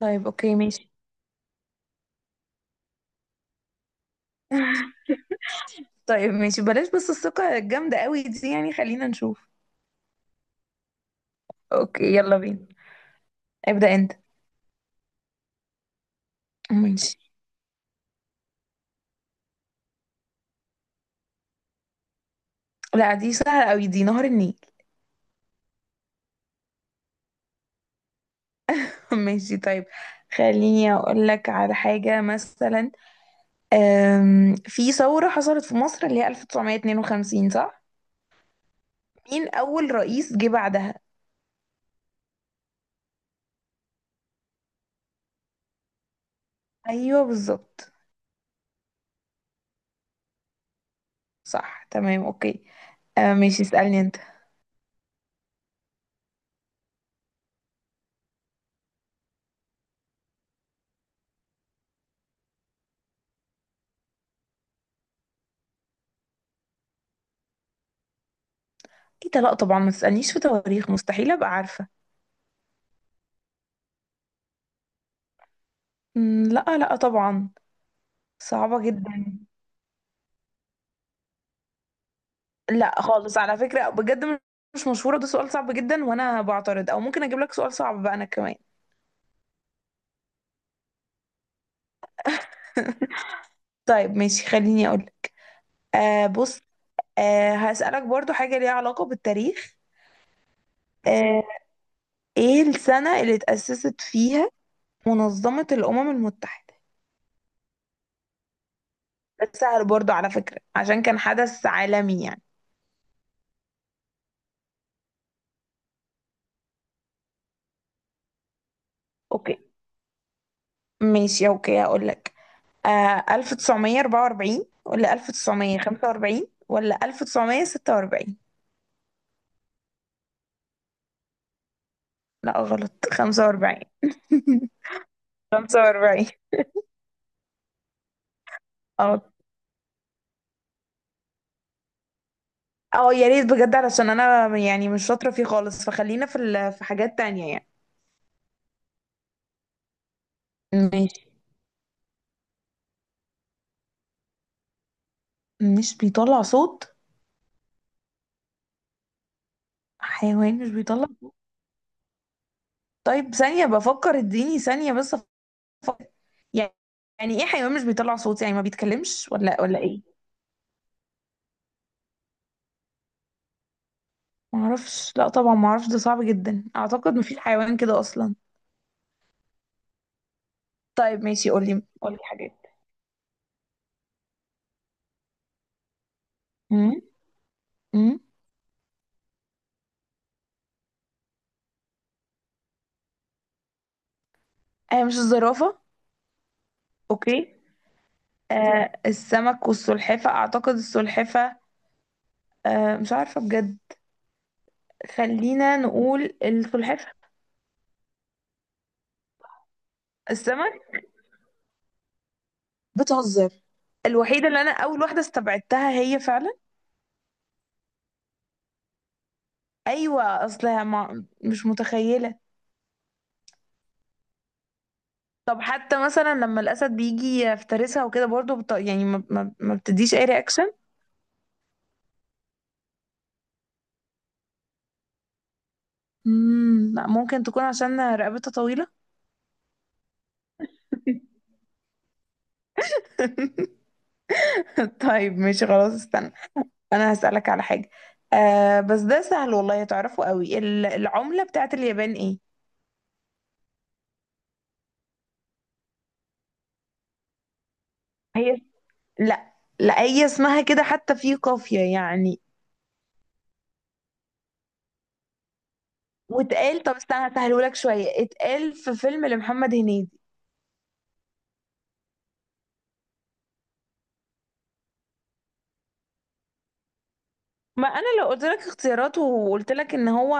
طيب اوكي ماشي. طيب ماشي بلاش، بس الثقة الجامدة قوي دي يعني خلينا نشوف. اوكي يلا بينا. ابدأ انت. ماشي. لا دي سهلة قوي، دي نهر النيل. ماشي طيب، خليني اقول لك على حاجة مثلا. في ثورة حصلت في مصر اللي هي 1952، صح؟ مين اول رئيس جه بعدها؟ ايوه بالظبط. صح تمام اوكي. ماشي اسألني انت. ايه ده، لا طبعا ما تسألنيش في تواريخ، مستحيل ابقى عارفة. لا طبعا. صعبة جدا. لا خالص على فكرة بجد. مش مشهورة، ده سؤال صعب جدا وانا بعترض، او ممكن اجيب لك سؤال صعب بقى انا كمان. طيب ماشي خليني اقول. آه بص. آه هسألك برضو حاجة ليها علاقة بالتاريخ. آه، ايه السنة اللي اتأسست فيها منظمة الأمم المتحدة؟ ده سهل برضو على فكرة عشان كان حدث عالمي يعني. اوكي. ماشي اوكي هقول لك. آه، 1944 ولا 1945 ولا 1946؟ لا غلط، 45. 45. اه. اه يا ريت بجد، علشان انا يعني مش شاطرة فيه خالص، فخلينا في في حاجات تانية يعني. ماشي. مش بيطلع صوت. حيوان مش بيطلع صوت؟ طيب ثانية بفكر، اديني ثانية بس أفكر. يعني، يعني ايه حيوان مش بيطلع صوت؟ يعني ما بيتكلمش ولا ولا ايه؟ معرفش، لا طبعا معرفش، ده صعب جدا، اعتقد مفيش حيوان كده اصلا. طيب ماشي، قولي قولي حاجات. امم. امم. آه مش الزرافة. اوكي. آه السمك والسلحفة، اعتقد السلحفة. آه مش عارفة بجد. خلينا نقول السلحفاة. السمك؟ بتهزر. الوحيدة اللي أنا أول واحدة استبعدتها هي فعلا. أيوة أصلها ما مش متخيلة. طب حتى مثلا لما الأسد بيجي يفترسها وكده برضه يعني ما بتديش أي رياكشن؟ لا، ممكن تكون عشان رقبتها طويلة. طيب ماشي خلاص استنى. أنا هسألك على حاجة. آه بس ده سهل والله تعرفه قوي، العملة بتاعت اليابان إيه؟ هي. لا. لا هي اسمها كده حتى في قافية يعني. واتقال، طب استنى هسهلهولك شوية، اتقال في فيلم لمحمد هنيدي. ما انا لو قلت لك اختيارات وقلت لك ان هو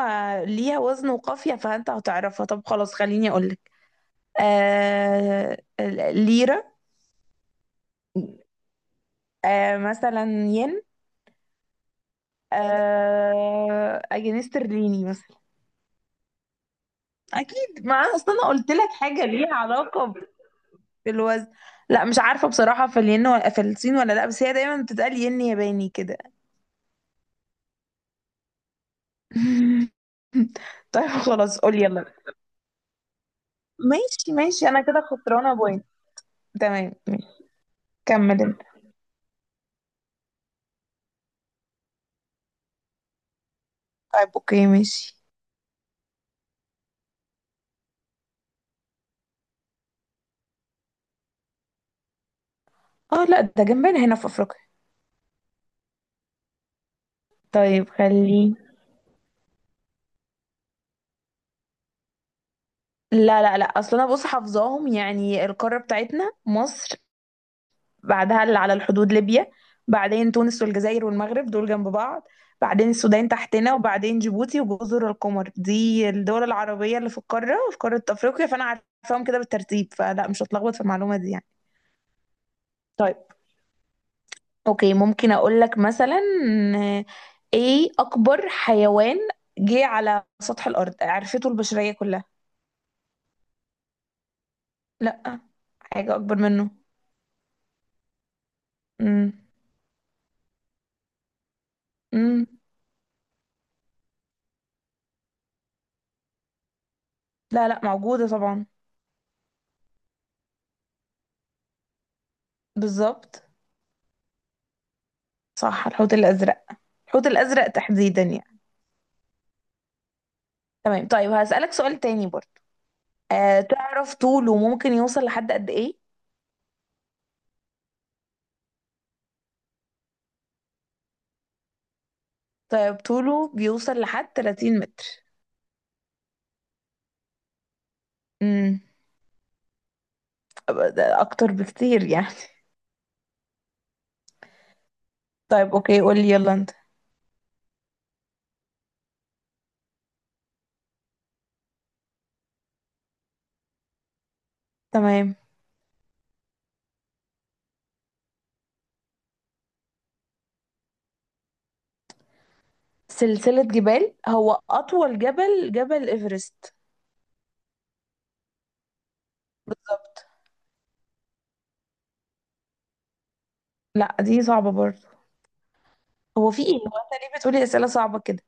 ليها وزن وقافية فانت هتعرفها. طب خلاص خليني اقول لك. آه... ليرة. آه... مثلا ين. آه... جنيه استرليني مثلا. اكيد، ما انا اصلا قلت لك حاجة ليها علاقة في الوزن. لا مش عارفة بصراحة في الين ولا في الصين ولا لا، بس هي دايما بتتقال ين ياباني كده. طيب خلاص قول يلا. ماشي ماشي انا كده خسرانة بوينت. تمام ماشي. كمل انت. طيب اوكي ماشي. اه لا ده جنبنا هنا في افريقيا. طيب خليه. لا لا لا، اصل انا بص حافظاهم، يعني القارة بتاعتنا مصر، بعدها اللي على الحدود ليبيا، بعدين تونس والجزائر والمغرب دول جنب بعض، بعدين السودان تحتنا، وبعدين جيبوتي وجزر القمر، دي الدول العربية اللي في القارة، في قارة أفريقيا، فأنا عارفاهم كده بالترتيب فلا مش هتلخبط في المعلومة دي يعني. طيب أوكي ممكن أقول لك مثلا. آه، إيه أكبر حيوان جه على سطح الأرض عرفته البشرية كلها؟ لا، حاجة أكبر منه. امم. امم. لا لا موجودة طبعا. بالظبط. صح الحوت الأزرق. الحوت الأزرق تحديدا يعني. تمام طيب هسألك سؤال تاني برضه. أه تعرف طوله ممكن يوصل لحد قد إيه؟ طيب طوله بيوصل لحد 30 متر. امم. ده أكتر بكتير يعني. طيب أوكي قولي يلا أنت. تمام. سلسلة جبال. هو أطول جبل جبل إيفرست. بالظبط. لا دي صعبة برضه. هو في إيه؟ هو أنت ليه بتقولي أسئلة صعبة كده؟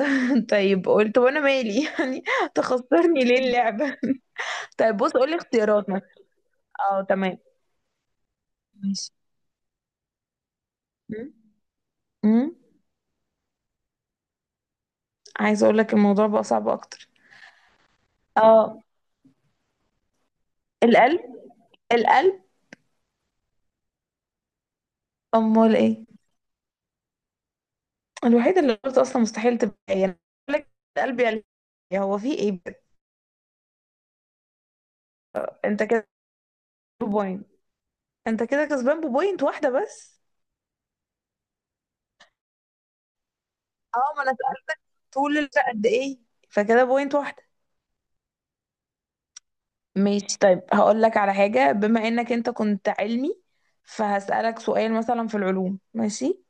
طيب قلت وأنا مالي؟ يعني تخسرني ليه اللعبة؟ طيب بص قولي اختيارات مثلا. أه تمام. ماشي. م؟ امم. عايزه اقول لك الموضوع بقى صعب اكتر. اه. القلب. القلب. امال ايه؟ الوحيده اللي قلت اصلا مستحيل تبقى هي أنا بقول لك القلب يعني. هو في ايه بقى؟ انت كده بوينت. انت كده كسبان ببوينت واحده بس. اه ما انا سألت طول الوقت قد ايه فكده بوينت واحده. ماشي طيب هقول لك على حاجه، بما انك انت كنت علمي فهسألك سؤال مثلا في العلوم، ماشي؟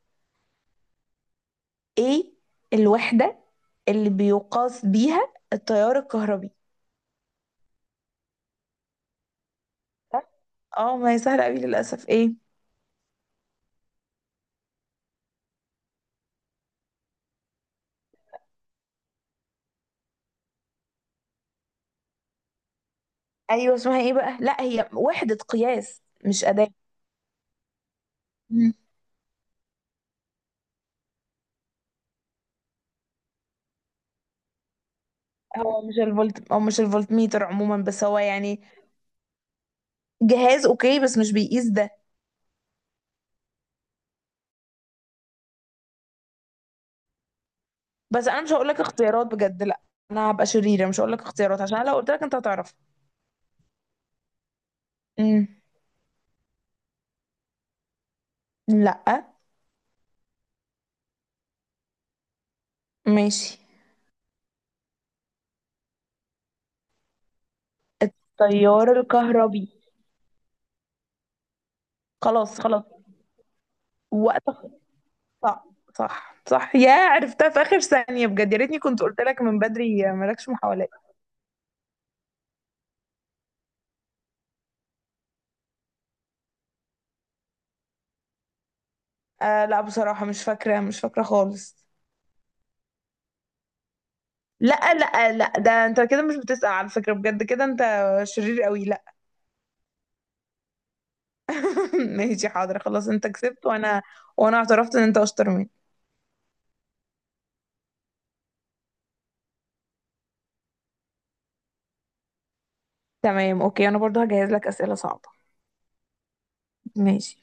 ايه الوحده اللي بيقاس بيها التيار الكهربي؟ اه ما هي سهلة قوي للأسف. ايه؟ ايوه اسمها ايه بقى؟ لا هي وحدة قياس مش أداة. مم. هو مش الفولت او مش الفولتميتر عموما بس هو يعني. جهاز اوكي بس مش بيقيس ده. بس انا مش هقول لك اختيارات بجد لا. انا هبقى شريرة مش هقول لك اختيارات عشان لو قلت لك انت هتعرف. امم. لا. ماشي. التيار الكهربي. خلاص خلاص. وقت. صح. صح صح، يا عرفتها في آخر ثانية بجد، يا ريتني كنت قلت لك من بدري مالكش محاولات. آه لا بصراحة مش فاكرة، مش فاكرة خالص. لا لا لا ده انت كده مش بتسأل على فكرة بجد، كده انت شرير قوي لا. ماشي حاضر خلاص، انت كسبت وانا اعترفت ان انت اشطر مني. تمام اوكي انا برضو هجهز لك أسئلة صعبة. ماشي.